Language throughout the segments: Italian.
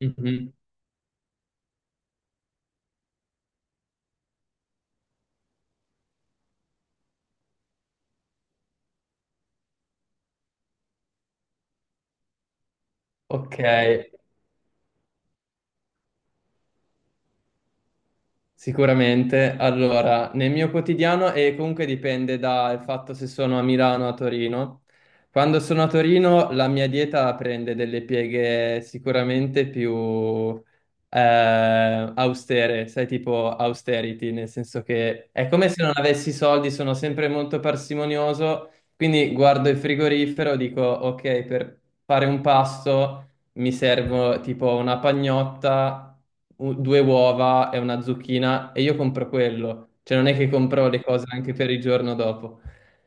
Mhm. Ok, sicuramente. Allora, nel mio quotidiano, e comunque dipende dal fatto se sono a Milano o a Torino, quando sono a Torino la mia dieta prende delle pieghe sicuramente più austere, sai, tipo austerity, nel senso che è come se non avessi soldi, sono sempre molto parsimonioso, quindi guardo il frigorifero, dico, ok, per fare un pasto, mi servo tipo una pagnotta, due uova e una zucchina e io compro quello. Cioè non è che compro le cose anche per il giorno dopo.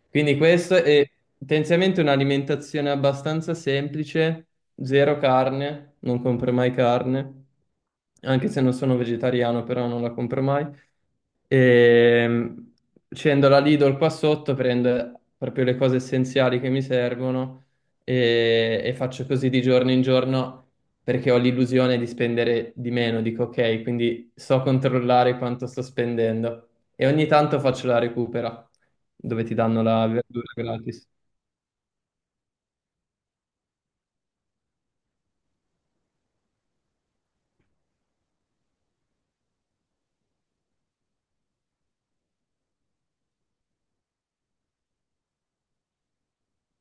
Quindi questo è tendenzialmente un'alimentazione abbastanza semplice, zero carne, non compro mai carne, anche se non sono vegetariano, però non la compro mai. E scendo la Lidl qua sotto, prendo proprio le cose essenziali che mi servono e faccio così di giorno in giorno perché ho l'illusione di spendere di meno. Dico ok, quindi so controllare quanto sto spendendo e ogni tanto faccio la recupera dove ti danno la verdura gratis.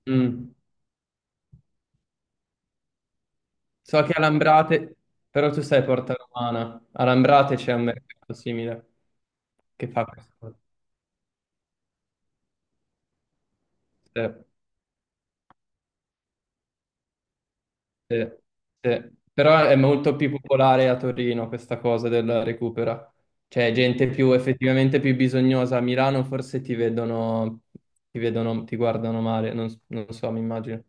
Mm. So che a Lambrate, però tu sei a Porta Romana, a Lambrate c'è un mercato simile che fa questo. Sì. Sì, sì. Però è molto più popolare a Torino questa cosa della recupera. Cioè, gente più effettivamente più bisognosa. A Milano forse ti vedono, ti guardano male, non so, mi immagino.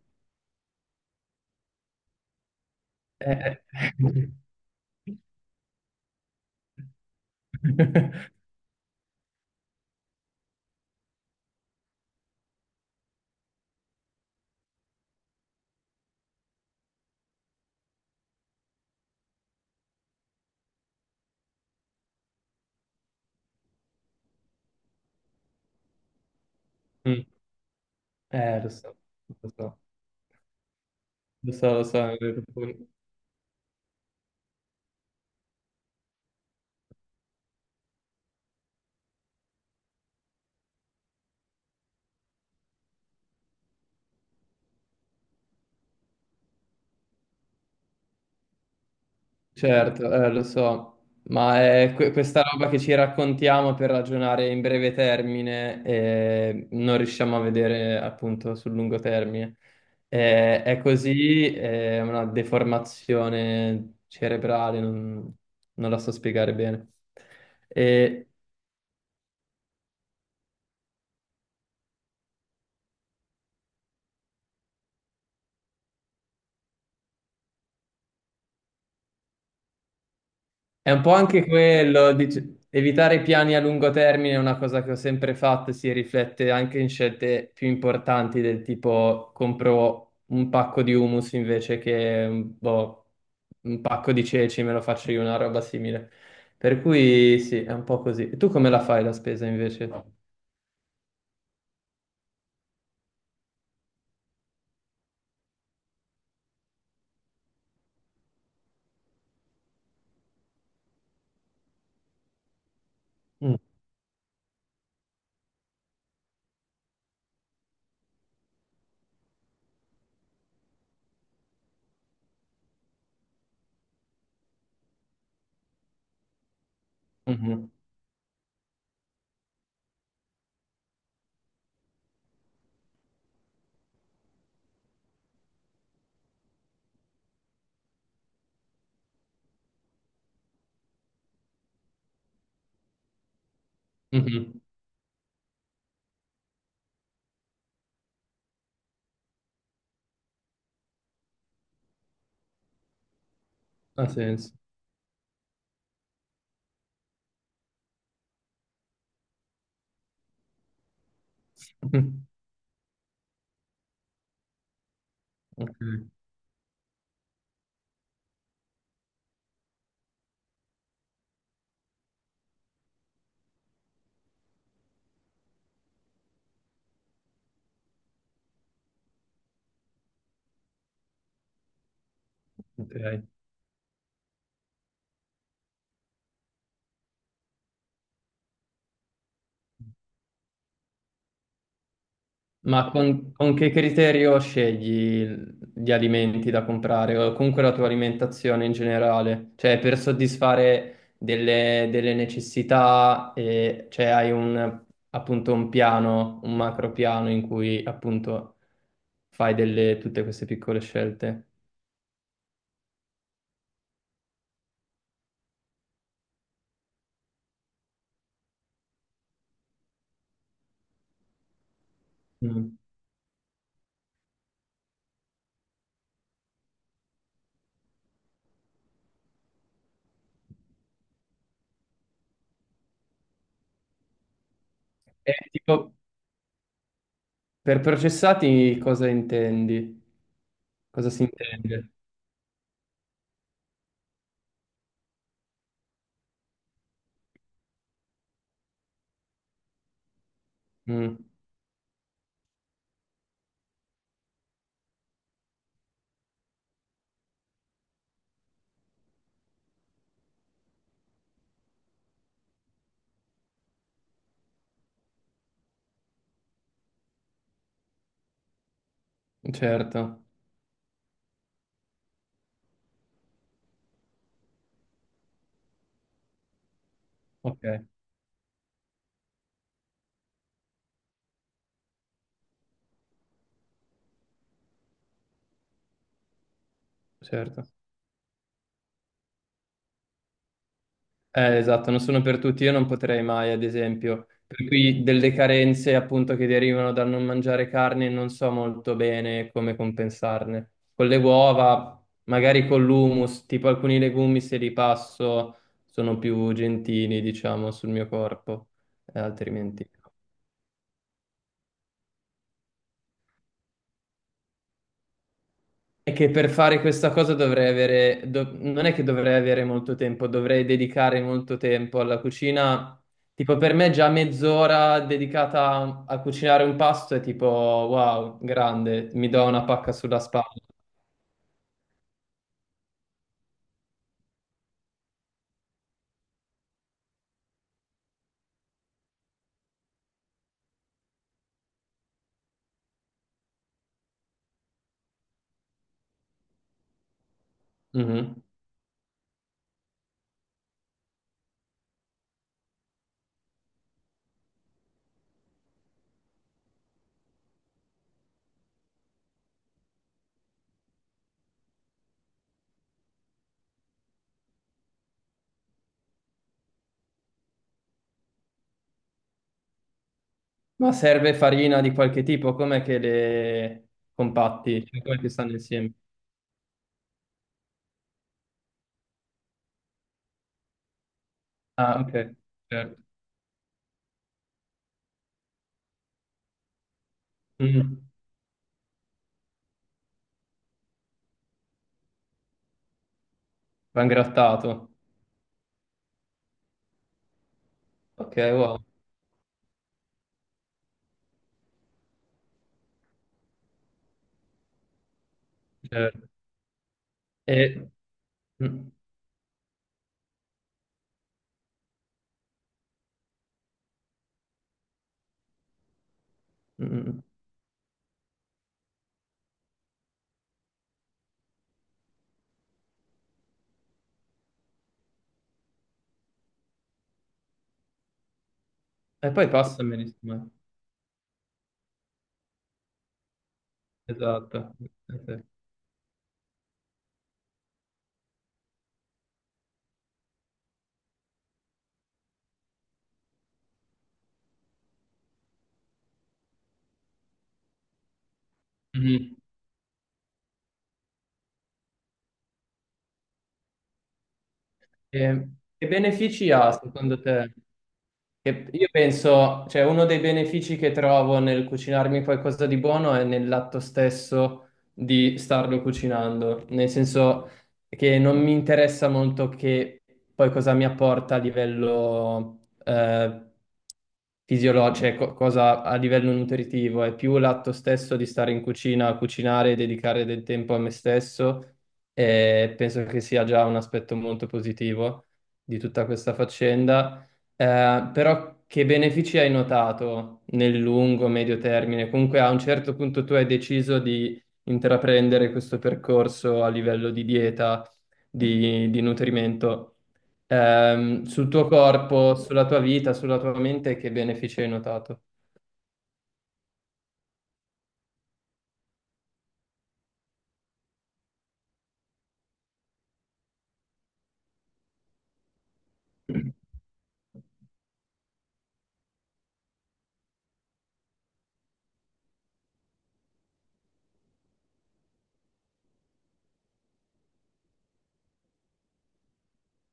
Eh, eh. Mm. Lo so, lo so, lo so, lo so, è vero. Certo, lo so, ma è questa roba che ci raccontiamo per ragionare in breve termine e non riusciamo a vedere appunto sul lungo termine. È così, è una deformazione cerebrale, non la so spiegare bene. E È un po' anche quello, evitare piani a lungo termine è una cosa che ho sempre fatto e si riflette anche in scelte più importanti del tipo compro un pacco di hummus invece che boh, un pacco di ceci, me lo faccio io, una roba simile. Per cui sì, è un po' così. E tu come la fai la spesa invece? Mm. Mhm. Mhm. Ha senso. Ok. Ok. Ma con che criterio scegli gli alimenti da comprare o comunque la tua alimentazione in generale? Cioè, per soddisfare delle necessità, e, cioè hai appunto un piano, un macro piano in cui appunto fai tutte queste piccole scelte. Mm. E tipo, per processati cosa intendi? Cosa si intende? Mm, certo, ok, certo. Esatto, non sono per tutti, io non potrei mai, ad esempio, per cui delle carenze appunto che derivano dal non mangiare carne non so molto bene come compensarne. Con le uova, magari con l'humus, tipo alcuni legumi se li passo sono più gentili, diciamo, sul mio corpo, altrimenti. È che per fare questa cosa dovrei avere, non è che dovrei avere molto tempo, dovrei dedicare molto tempo alla cucina. Tipo, per me già mezz'ora dedicata a cucinare un pasto è tipo, wow, grande, mi do una pacca sulla spalla. Mhm. Ma serve farina di qualche tipo, com'è che le compatti? Cioè, come che stanno insieme? Ah, ok, certo. Mm. Va ingrattato. Ok, wow, certo. E, mm, mm, mm. Mm. E poi passameli, insomma. Esatto. Eh sì. Mhm. E, che benefici ha secondo te? Che io penso, cioè uno dei benefici che trovo nel cucinarmi qualcosa di buono è nell'atto stesso di starlo cucinando, nel senso che non mi interessa molto che poi cosa mi apporta a livello fisiologica, cioè cosa a livello nutritivo, è più l'atto stesso di stare in cucina a cucinare e dedicare del tempo a me stesso. E penso che sia già un aspetto molto positivo di tutta questa faccenda. Però che benefici hai notato nel lungo, medio termine? Comunque a un certo punto tu hai deciso di intraprendere questo percorso a livello di dieta, di nutrimento. Sul tuo corpo, sulla tua vita, sulla tua mente, che benefici hai notato?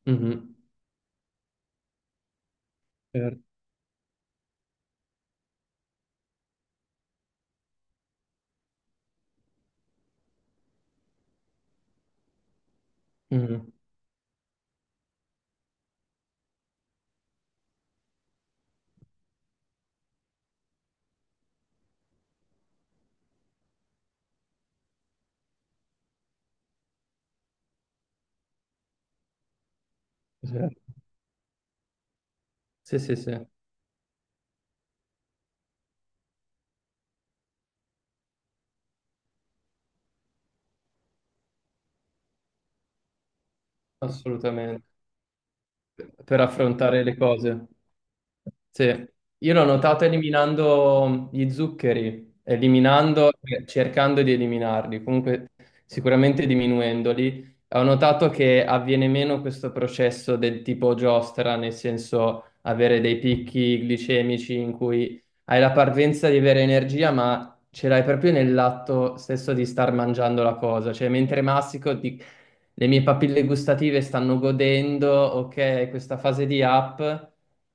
Mhm. Certo. Mhm. Certo. Sì, sì, sì, assolutamente. Per affrontare le cose. Sì, io l'ho notato eliminando gli zuccheri, eliminando, cercando di eliminarli, comunque sicuramente diminuendoli. Ho notato che avviene meno questo processo del tipo giostra, nel senso avere dei picchi glicemici in cui hai la parvenza di avere energia, ma ce l'hai proprio nell'atto stesso di star mangiando la cosa. Cioè, mentre mastico, le mie papille gustative stanno godendo, ok, questa fase di app.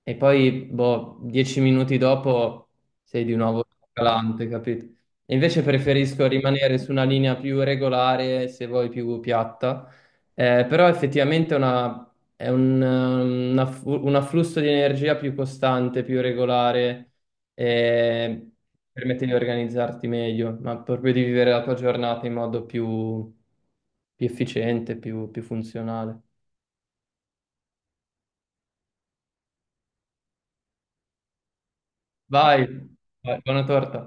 E poi, boh, 10 minuti dopo sei di nuovo calante, capito? E invece preferisco rimanere su una linea più regolare, se vuoi più piatta. Però effettivamente è un afflusso di energia più costante, più regolare, e permette di organizzarti meglio, ma proprio di vivere la tua giornata in modo più, più, efficiente, più funzionale. Vai, vai, buona torta.